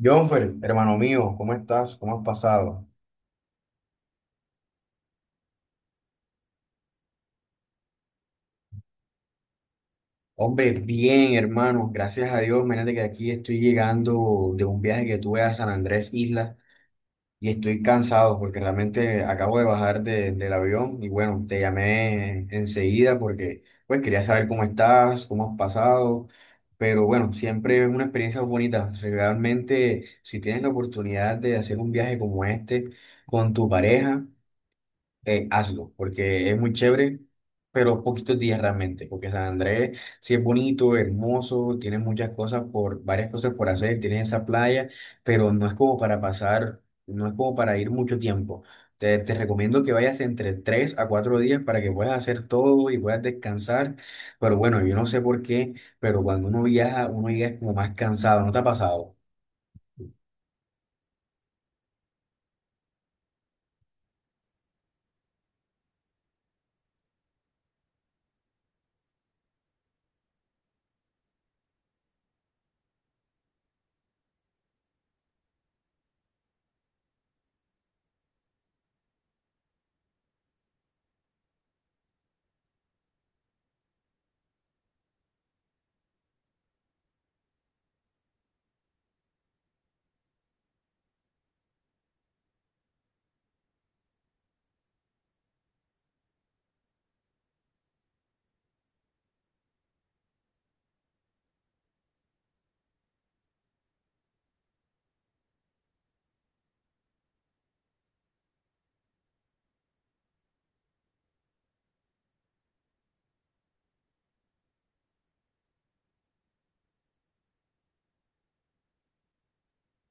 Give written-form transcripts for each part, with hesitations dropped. Jonfer, hermano mío, ¿cómo estás? ¿Cómo has pasado? Hombre, bien, hermano, gracias a Dios. Imagínate que aquí estoy llegando de un viaje que tuve a San Andrés Isla y estoy cansado porque realmente acabo de bajar del avión y bueno, te llamé enseguida porque pues quería saber cómo estás, cómo has pasado, pero bueno, siempre es una experiencia bonita. Realmente, si tienes la oportunidad de hacer un viaje como este con tu pareja, hazlo, porque es muy chévere, pero poquitos días realmente, porque San Andrés sí es bonito, hermoso, tiene varias cosas por hacer, tiene esa playa, pero no es como para pasar, no es como para ir mucho tiempo. Te recomiendo que vayas entre 3 a 4 días para que puedas hacer todo y puedas descansar, pero bueno, yo no sé por qué, pero cuando uno viaja, uno llega como más cansado, ¿no te ha pasado?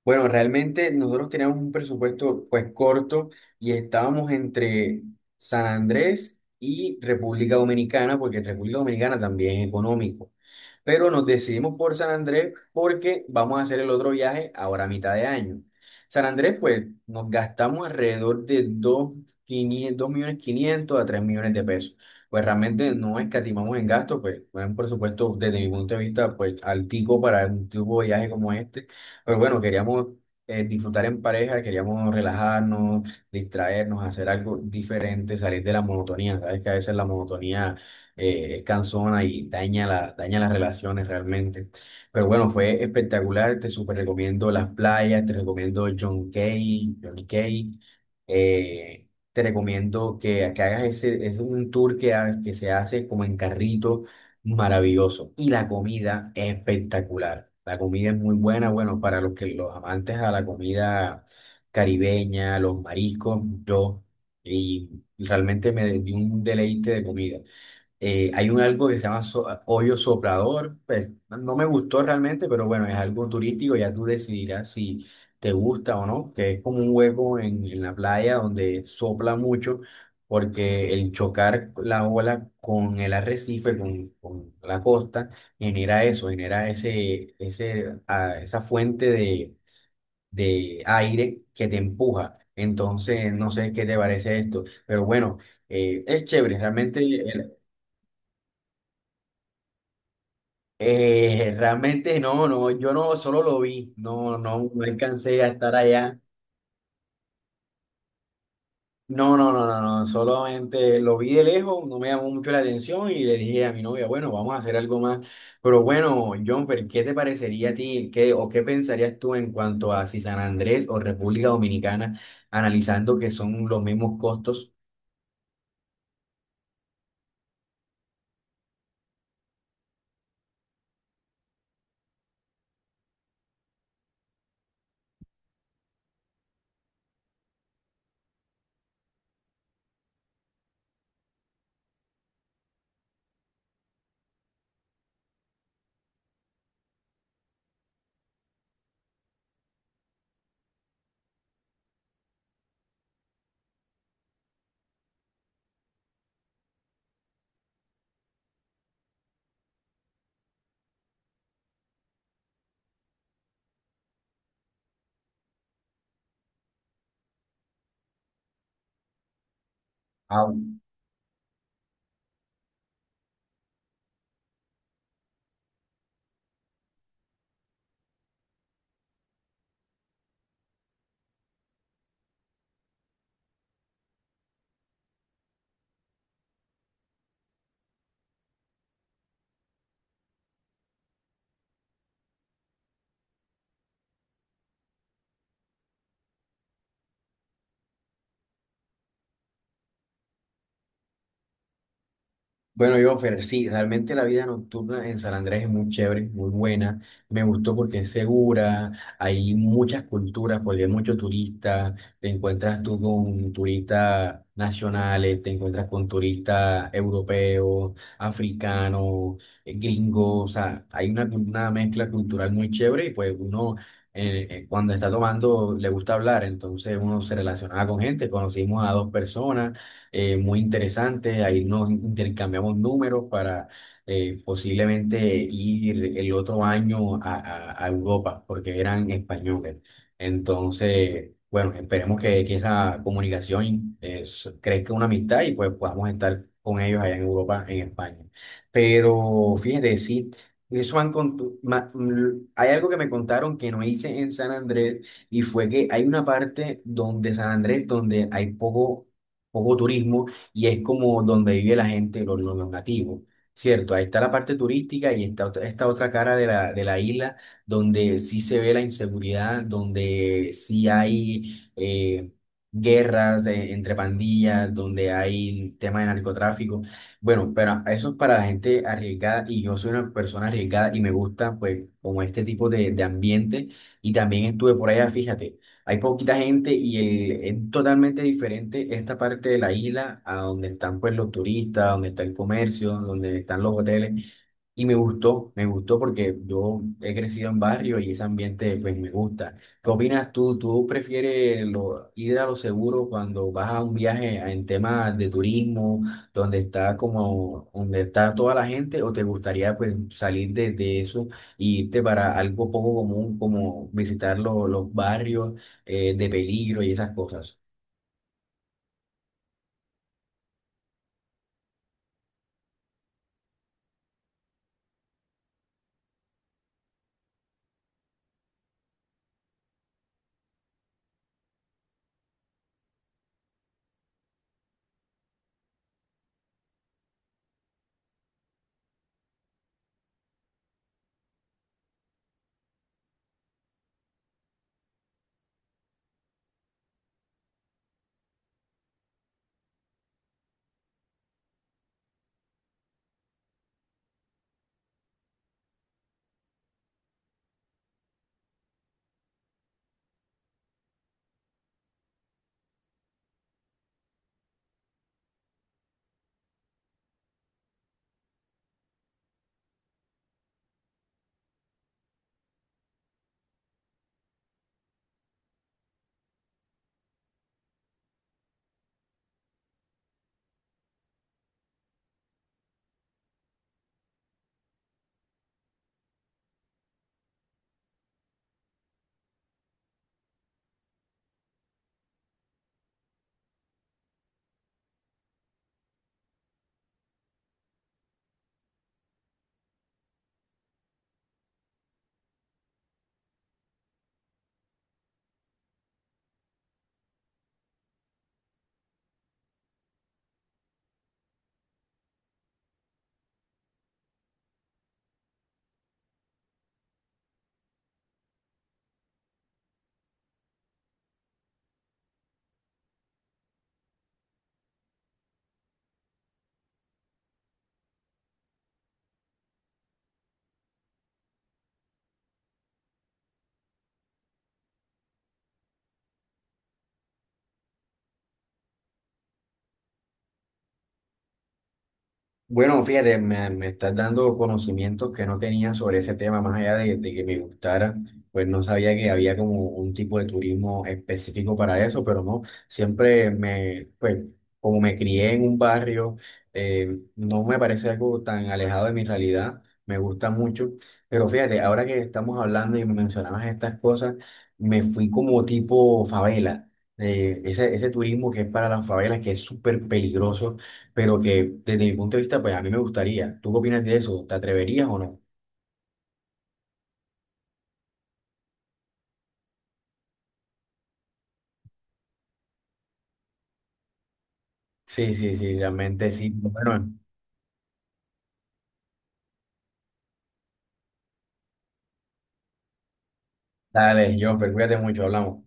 Bueno, realmente nosotros teníamos un presupuesto pues corto y estábamos entre San Andrés y República Dominicana, porque en República Dominicana también es económico, pero nos decidimos por San Andrés porque vamos a hacer el otro viaje ahora a mitad de año. San Andrés, pues, nos gastamos alrededor de dos millones 500 a 3 millones de pesos. Pues realmente no escatimamos en gastos, pues, bueno, por supuesto, desde mi punto de vista, pues, altico para un tipo de viaje como este. Pero bueno, queríamos disfrutar en pareja, queríamos relajarnos, distraernos, hacer algo diferente, salir de la monotonía. Sabes que a veces la monotonía es cansona y daña las relaciones realmente. Pero bueno, fue espectacular, te súper recomiendo las playas, te recomiendo John Key, Johnny Cay, te recomiendo que hagas ese, es un tour que se hace como en carrito, maravilloso. Y la comida es espectacular. La comida es muy buena, bueno, para los que los amantes a la comida caribeña, los mariscos, yo, y realmente me di un deleite de comida. Hay un algo que se llama hoyo soplador, pues no me gustó realmente, pero bueno, es algo turístico, ya tú decidirás si te gusta o no, que es como un hueco en la playa donde sopla mucho, porque el chocar la ola con el arrecife, con la costa, genera eso, genera esa fuente de aire que te empuja. Entonces, no sé qué te parece esto, pero bueno, es chévere, realmente. Realmente no, no, yo no solo lo vi, no, no, no alcancé a estar allá. No, no, no, no, no, solamente lo vi de lejos, no me llamó mucho la atención y le dije a mi novia, bueno, vamos a hacer algo más. Pero bueno, Jonfer, ¿qué te parecería a ti, qué, o qué pensarías tú en cuanto a si San Andrés o República Dominicana, analizando que son los mismos costos? Bueno, yo, Fer, sí, realmente la vida nocturna en San Andrés es muy chévere, muy buena. Me gustó porque es segura, hay muchas culturas, porque hay muchos turistas. Te encuentras tú con turistas nacionales, te encuentras con turistas europeos, africanos, gringos. O sea, hay una mezcla cultural muy chévere y pues uno cuando está tomando le gusta hablar, entonces uno se relacionaba con gente. Conocimos a dos personas muy interesante. Ahí nos intercambiamos números para posiblemente ir el otro año a Europa, porque eran españoles. Entonces, bueno, esperemos que esa comunicación crezca una amistad y pues podamos estar con ellos allá en Europa, en España. Pero fíjate, sí. Eso han contu- ma- mm, Hay algo que me contaron que no hice en San Andrés y fue que hay una parte donde San Andrés donde hay poco turismo y es como donde vive la gente, los nativos, ¿cierto? Ahí está la parte turística y está esta otra cara de la isla donde sí se ve la inseguridad, donde sí hay guerras entre pandillas, donde hay temas de narcotráfico. Bueno, pero eso es para la gente arriesgada y yo soy una persona arriesgada y me gusta pues como este tipo de ambiente, y también estuve por allá, fíjate. Hay poquita gente y es totalmente diferente esta parte de la isla a donde están pues los turistas, donde está el comercio, donde están los hoteles. Y me gustó porque yo he crecido en barrio y ese ambiente pues me gusta. ¿Qué opinas tú? ¿Tú prefieres ir a lo seguro cuando vas a un viaje en temas de turismo, donde está como, donde está toda la gente, o te gustaría pues salir de eso e irte para algo poco común como visitar los barrios de peligro y esas cosas? Bueno, fíjate, me estás dando conocimientos que no tenía sobre ese tema, más allá de que me gustara, pues no sabía que había como un tipo de turismo específico para eso, pero no, siempre me, pues como me crié en un barrio, no me parece algo tan alejado de mi realidad, me gusta mucho, pero fíjate, ahora que estamos hablando y me mencionabas estas cosas, me fui como tipo favela, ese turismo que es para las favelas, que es súper peligroso pero que desde mi punto de vista, pues a mí me gustaría. ¿Tú qué opinas de eso? ¿Te atreverías o no? Sí, sí, sí, realmente sí. Bueno, dale, yo, pero cuídate mucho, hablamos.